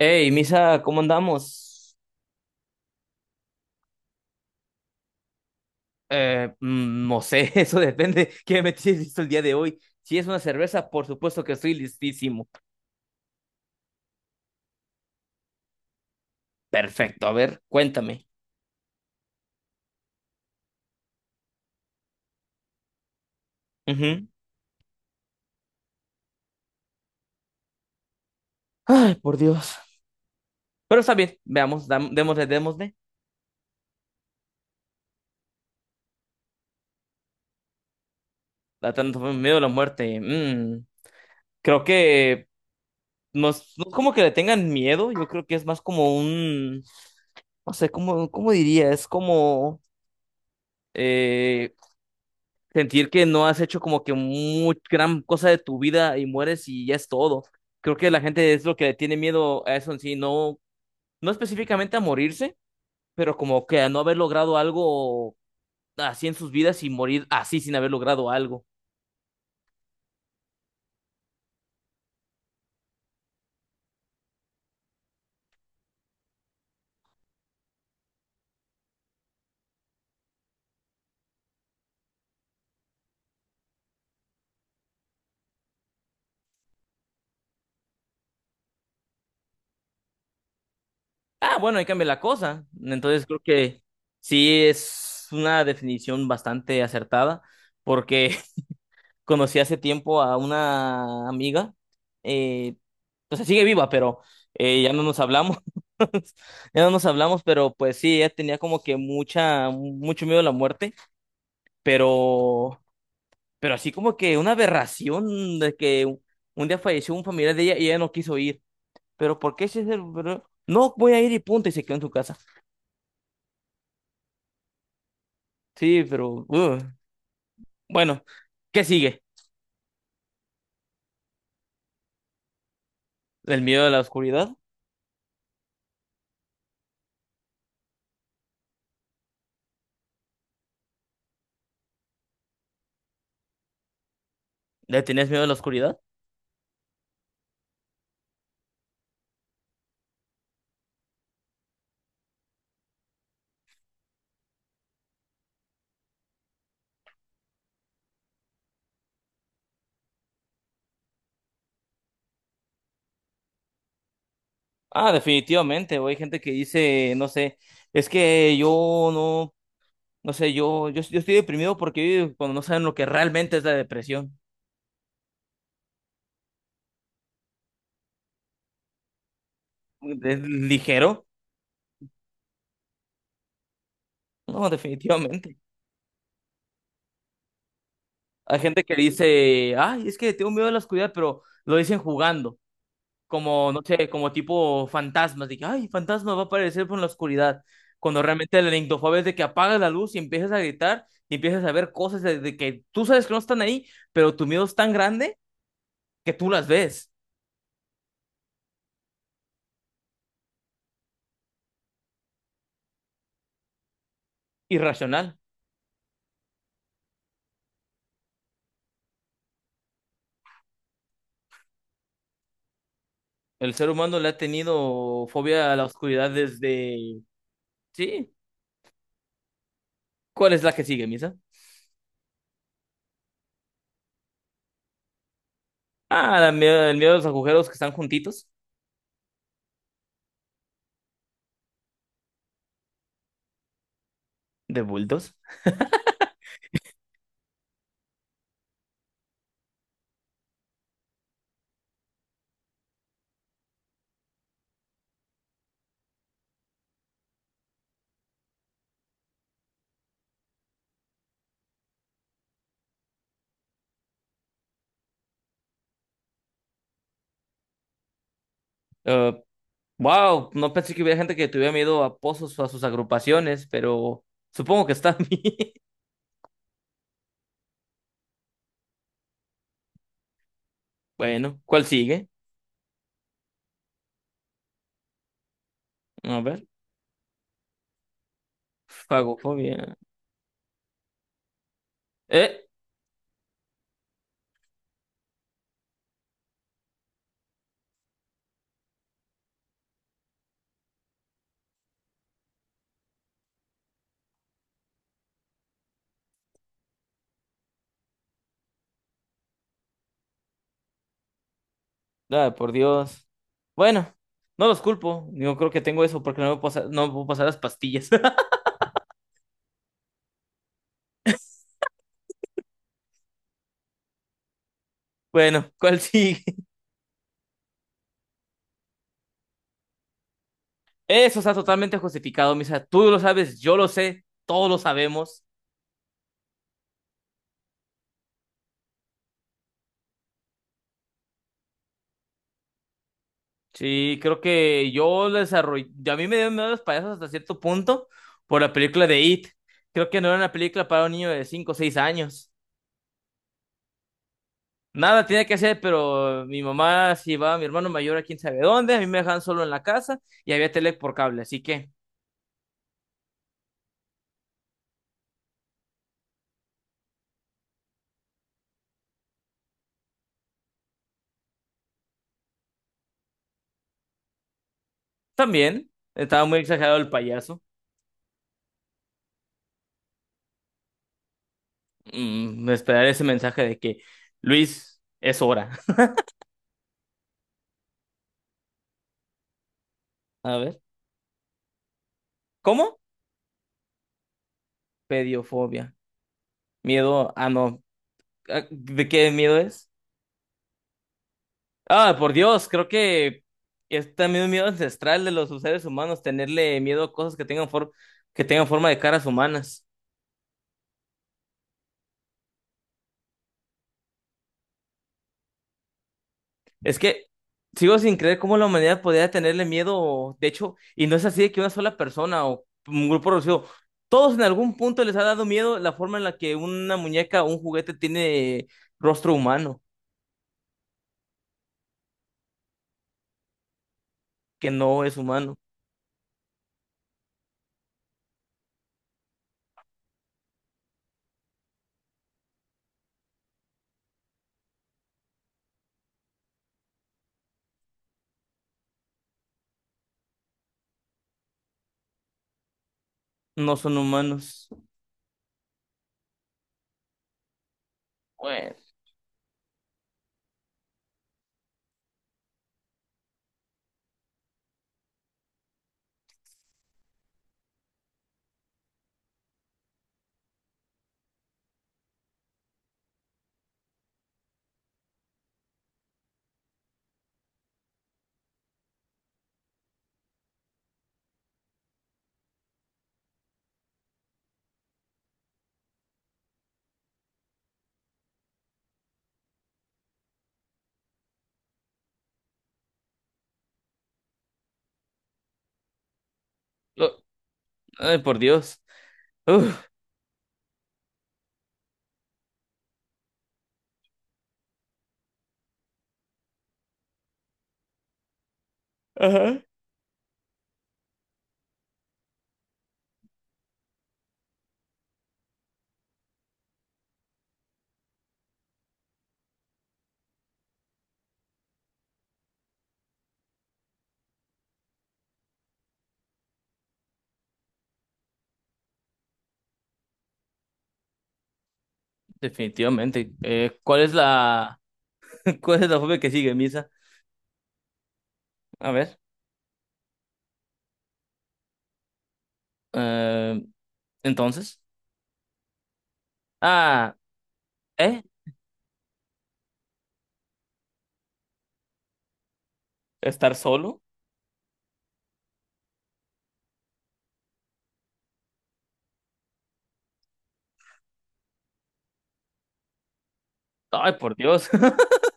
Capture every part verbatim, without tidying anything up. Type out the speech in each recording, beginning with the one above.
Hey, Misa, ¿cómo andamos? Eh, mm, no sé, eso depende. ¿Qué me tienes listo el día de hoy? Si es una cerveza, por supuesto que estoy listísimo. Perfecto, a ver, cuéntame. Ujú. Ay, por Dios. Pero está bien, veamos, dam- démosle, démosle. La tanto miedo a la muerte. Mm, creo que no es, no es como que le tengan miedo, yo creo que es más como un, No sé, ¿cómo, cómo diría? Es como eh, sentir que no has hecho como que muy gran cosa de tu vida y mueres y ya es todo. Creo que la gente es lo que le tiene miedo a eso en sí, no, no específicamente a morirse, pero como que a no haber logrado algo así en sus vidas y morir así sin haber logrado algo. Ah, bueno, ahí cambia la cosa. Entonces creo que sí es una definición bastante acertada, porque conocí hace tiempo a una amiga, eh, o sea, sigue viva, pero eh, ya no nos hablamos, ya no nos hablamos, pero pues sí, ella tenía como que mucha, mucho miedo a la muerte, pero, pero así como que una aberración de que un un día falleció un familiar de ella y ella no quiso ir, pero ¿por qué si es el- pero- No, voy a ir y punto, y se quedó en su casa. Sí, pero, uh, bueno, ¿qué sigue? ¿El miedo a la oscuridad? ¿Le tenías miedo a la oscuridad? Ah, definitivamente, güey. Hay gente que dice, no sé, es que yo no, no sé, yo, yo, yo estoy deprimido porque cuando no saben lo que realmente es la depresión, es ligero. No, definitivamente. Hay gente que dice, ay, es que tengo miedo a la oscuridad, pero lo dicen jugando, como, no sé, como tipo fantasmas. Dije, ay, fantasma va a aparecer por la oscuridad. Cuando realmente la lindofobia es de que apagas la luz y empiezas a gritar y empiezas a ver cosas de, de que tú sabes que no están ahí, pero tu miedo es tan grande que tú las ves. Irracional. El ser humano le ha tenido fobia a la oscuridad desde... Sí, ¿cuál es la que sigue, Misa? Ah, la mie- el miedo a los agujeros que están juntitos, de bultos. Eh, wow, no pensé que hubiera gente que tuviera miedo a pozos o a sus agrupaciones, pero supongo que está bien. Bueno, ¿cuál sigue? A ver, fagofobia. Eh, ah, por Dios. Bueno, no los culpo. Yo creo que tengo eso porque no me puedo pasar, no me puedo pasar las pastillas. Bueno, ¿cuál sigue? Eso está totalmente justificado, Misa. Tú lo sabes, yo lo sé, todos lo sabemos. Sí, creo que yo lo desarrollé. A mí me dieron miedo los payasos hasta cierto punto por la película de It. Creo que no era una película para un niño de cinco o seis años. Nada tenía que hacer, pero mi mamá se iba, mi hermano mayor a quién sabe dónde, a mí me dejaban solo en la casa y había tele por cable, así que también estaba muy exagerado el payaso. Mm, esperar ese mensaje de que Luis es hora. A ver, ¿cómo? Pediofobia. Miedo, ah, no. Ah, ¿de qué miedo es? Ah, por Dios, creo que es también un miedo ancestral de los seres humanos, tenerle miedo a cosas que tengan for- que tengan forma de caras humanas. Es que sigo sin creer cómo la humanidad podría tenerle miedo, de hecho, y no es así de que una sola persona o un grupo reducido, todos en algún punto les ha dado miedo la forma en la que una muñeca o un juguete tiene rostro humano, que no es humano, no son humanos. Bueno, lo- ay, por Dios. Uf. Ajá. Definitivamente. Eh, ¿cuál es la, Cuál es la fobia que sigue, Misa? A ver. eh, entonces. Ah, ¿eh? ¿Estar solo? Ay, por Dios.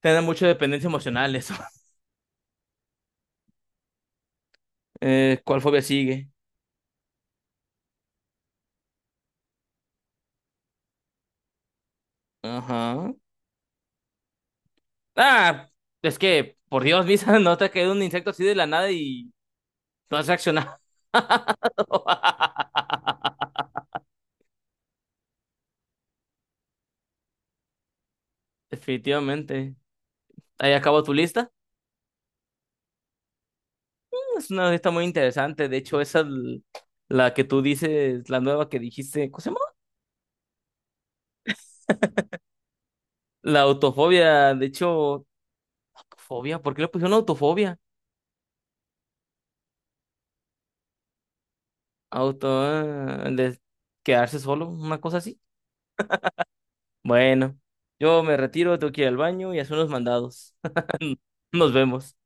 Tener mucha dependencia emocional eso. Eh, ¿cuál fobia sigue? Ajá. Ah, es que, por Dios, Misa, no te ha caído un insecto así de la nada y no has reaccionado. Definitivamente. Ahí acabó tu lista. Es una fiesta muy interesante. De hecho, esa l- la que tú dices, la nueva que dijiste, ¿cómo se llama? La autofobia. De hecho, fobia, ¿por qué le pusieron autofobia? Auto, ah, de quedarse solo, una cosa así. Bueno, yo me retiro, tengo que ir al baño y hacer unos mandados. Nos vemos.